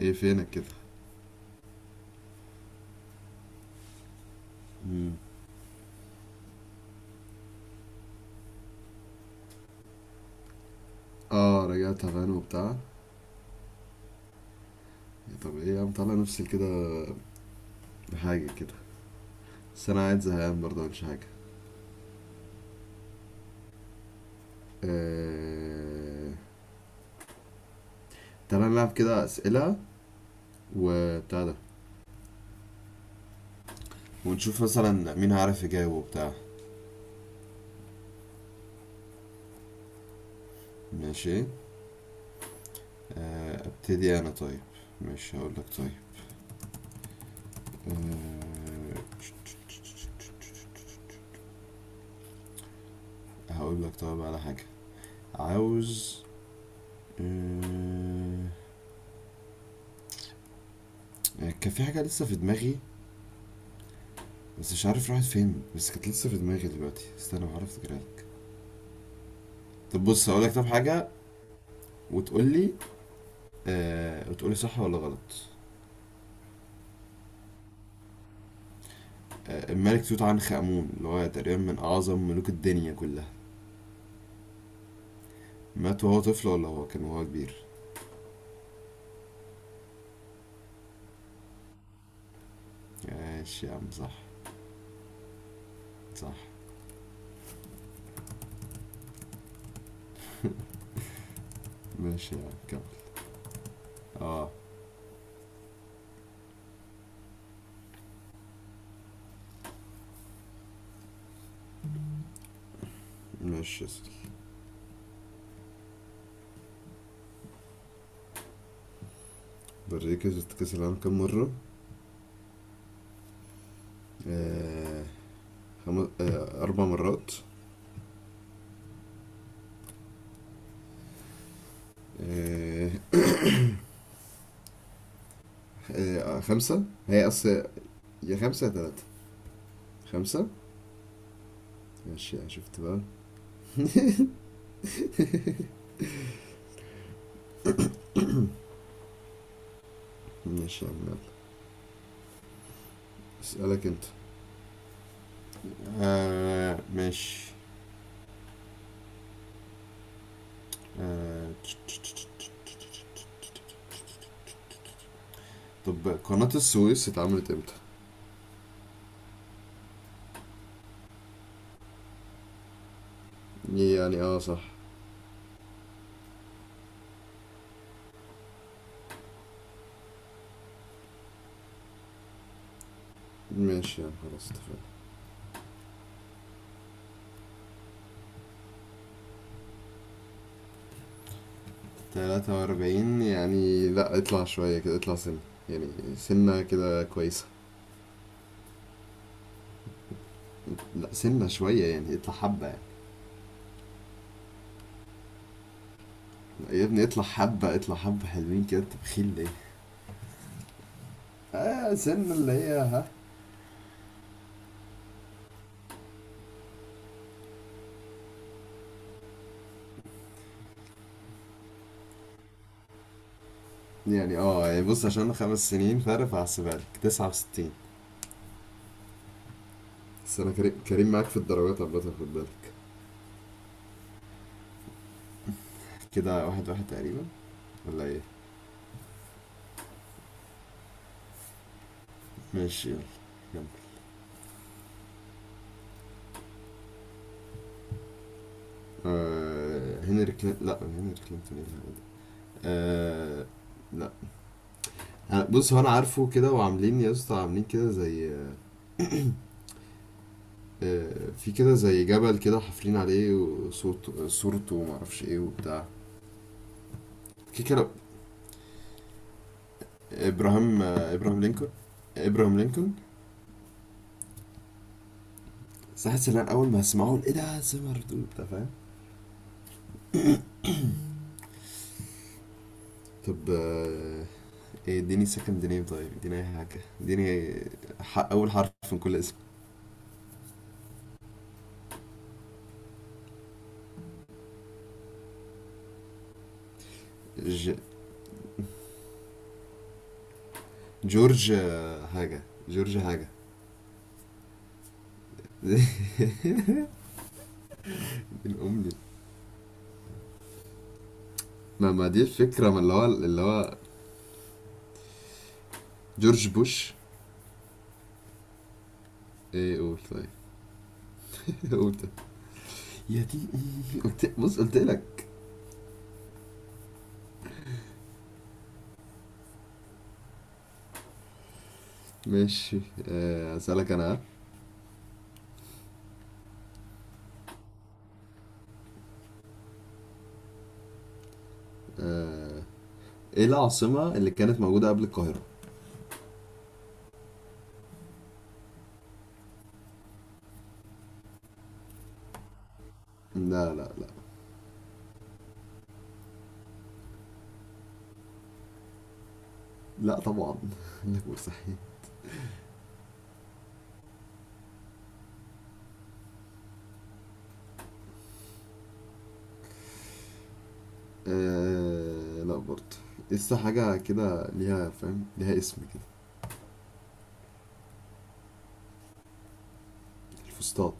ايه فينك كده. مم. اه رجعت تعبان وبتاع. طب ايه يا عم، طلع نفسي كده بحاجة كده، بس انا قاعد زهقان برضه، مش حاجة. آه... تعالى نلعب كده اسئلة وبتاع ده، ونشوف مثلا مين هيعرف يجاوب وبتاع. ماشي. ابتدي انا طيب. مش هقول لك طيب. آه... هقول لك طيب على حاجة عاوز. آه... كان في حاجة لسه في دماغي، بس مش عارف راحت فين، بس كانت لسه في دماغي دلوقتي، استنى بحاول افتكرها لك. طب بص، هقول لك طب حاجه وتقول لي، آه وتقول لي صح ولا غلط. آه، الملك توت عنخ امون، اللي هو تقريبا من اعظم ملوك الدنيا كلها، مات وهو طفل ولا هو كان وهو كبير؟ ماشي يا عم، صح. صح. ماشي يا عم كمل. اه. ماشي يا سيدي. برازيل كسبت كاس العالم كام مره؟ آه، اربع مرات. آه. آه، خمسه هي اصل. يا خمسه يا تلاته. خمسه. ماشي، شفت بقى. ماشي يا عم يلا، اسألك انت. آه ماشي. آه، طب قناة السويس اتعملت امتى؟ يعني اه، صح. ماشي يا عم، خلاص اتفقنا. تلاتة وأربعين؟ يعني لا، اطلع شوية كده، اطلع سنة، يعني سنة كده كويسة. لا، سنة شوية يعني، اطلع حبة يعني. لا يا ابني، اطلع حبة، اطلع حبة حلوين كده، انت بخيل ليه؟ اه سنة اللي هي ها. يعني اه، يعني بص، عشان خمس سنين فرق، فهحسبها لك تسعة وستين. بس انا كريم معاك في الدرجات عامة، خد بالك. كده واحد واحد تقريبا، ولا ايه؟ ماشي يلا. يلا. آه، هنري كلينتون. لا هنري كلينتون، ايه الهبل ده؟ آه. لا. بص، هو انا عارفه كده، وعاملين يا اسطى عاملين كده زي، آه، في كده زي جبل كده، حافرين عليه وصوت صورته ومعرفش ايه وبتاع. في كده. ابراهام، آه، ابراهام لينكولن. ابراهام لينكولن. بس حاسس ان انا اول ما اسمعه ايه ده سمر دول، انت فاهم. طب آه، إيه، اديني سكند نيم طيب، اديني اي حاجة، اديني اول حرف من كل اسم. ج... جورج، آه، حاجة جورج حاجة. اديني ام دي. ما دي الفكرة، ما اللي هو جورج بوش. ايه، قول طيب. قول طيب. يا دي أمي، قلت بص قلت لك. ماشي. آه، اسألك انا. آه، ايه العاصمة اللي كانت موجودة قبل القاهرة؟ لا لا لا. لا طبعا. لا، مستحيل. آه، لا برضه. لسه حاجة كده ليها، فاهم ليها اسم كده. فسطاط.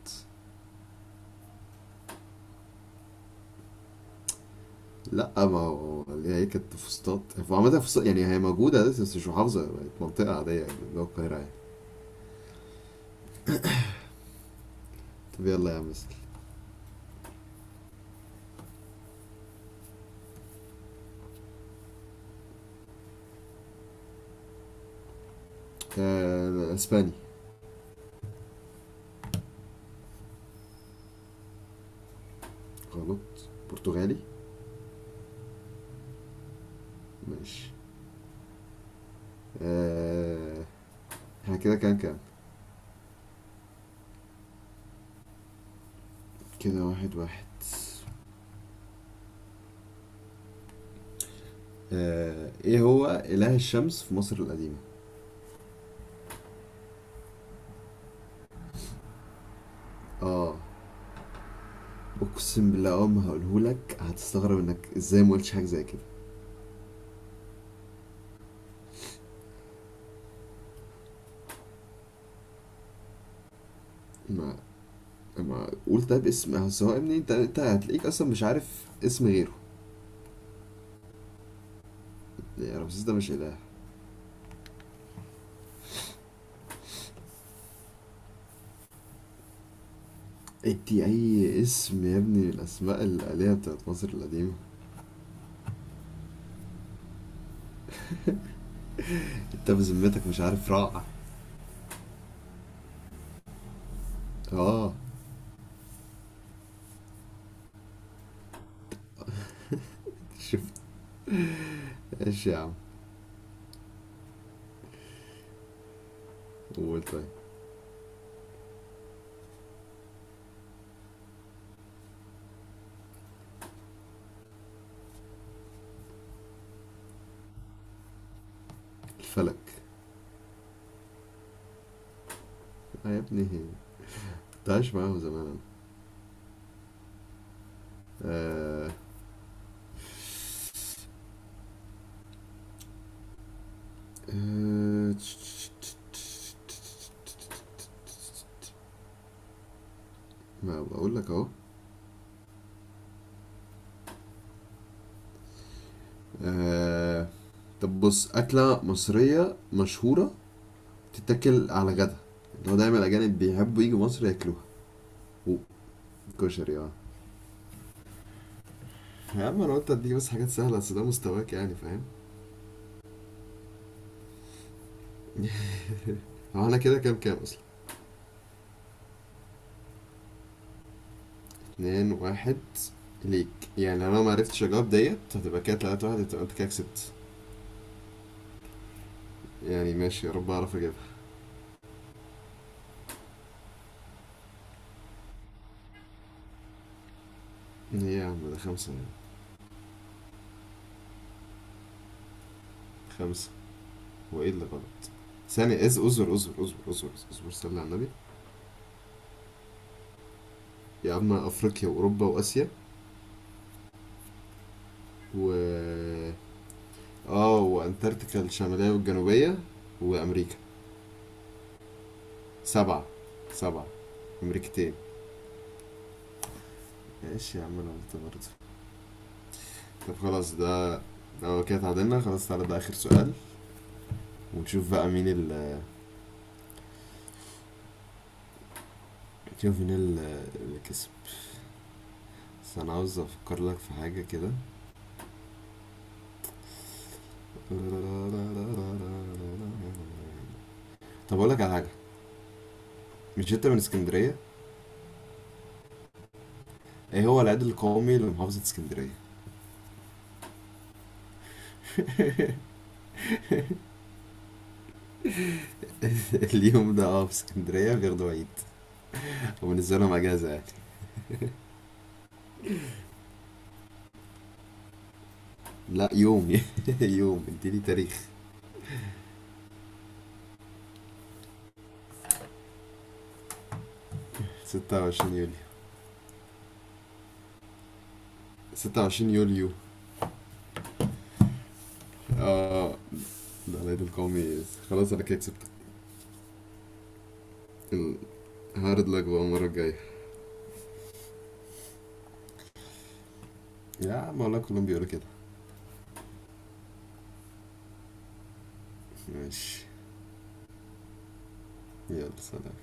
لا، ما هو اللي هي كانت فسطاط، هو عامة فسطاط يعني هي موجودة دلوقتي، بس مش محافظة، بقت منطقة عادية يعني جوه القاهرة يعني. طب يلا يا عم اسأل. آه، اسباني. غلط. برتغالي. ماشي. آه، احنا كده كام كام؟ كده واحد واحد. آه، ايه هو اله الشمس في مصر القديمة؟ اه. اقسم بالله اول ما هقولهولك هتستغرب انك ازاي ما قلتش حاجة زي كده. ما ما قول طيب اسم سواء، ابني انت انت هتلاقيك اصلا مش عارف اسم غيره. ليه رمسيس ده مش إله؟ ادي أي اسم يا ابني من الأسماء الآلهة بتاعت مصر القديمة. أنت بذمتك مش عارف رع؟ آه. شفت. إيش يا عم. قول طيب. الفلك. آه يا ابني، كنت عايش معاهم زمان أنا. آه. آه تش- ما بقول لك أهو. آه. طب بص، أكلة مصرية مشهورة تتاكل على غدا، اللي هو دايما الأجانب بيحبوا يجوا مصر ياكلوها. و- كشري، اه. يا عم انا قلت اديك بس حاجات سهله، اصل ده مستواك، يعني فاهم. هو انا كده كام كام اصلا؟ اتنين واحد ليك. يعني انا لو ما عرفتش اجاوب ديت، هتبقى كده تلاتة واحد، هتبقى انت كده كسبت. يعني ماشي، يا رب اعرف اجيبها. ايه يا عم، ده خمسة يعني. خمسة. هو ايه اللي غلط؟ ثانية از، اصبر اصبر اصبر اصبر اصبر، صلي على النبي. يا عم افريقيا واوروبا واسيا و، اه، وانتاركتيكا، الشمالية والجنوبية، وامريكا. سبعة. سبعة. امريكتين. ماشي يا عم، انا قلت برضه. طب خلاص ده، هو كده اتعادلنا خلاص، تعالى ده اخر سؤال، ونشوف بقى مين ال، نشوف اللي كسب. بس انا عاوز افكر لك في حاجه كده. طب اقول لك على حاجه، مش انت من اسكندريه؟ ايه هو العيد القومي لمحافظه اسكندريه؟ اليوم ده اه، في اسكندريه بياخدوا عيد، وبالنسبه لهم اجازه يعني. لا يوم. يوم، اديني تاريخ. 26 يوليو. 26 يوليو اه، ده العيد القومي، خلاص انا كده كسبت. هارد لك بقى المره الجايه. يا عم والله كلهم بيقولوا كده. ماشي. يلا سلام.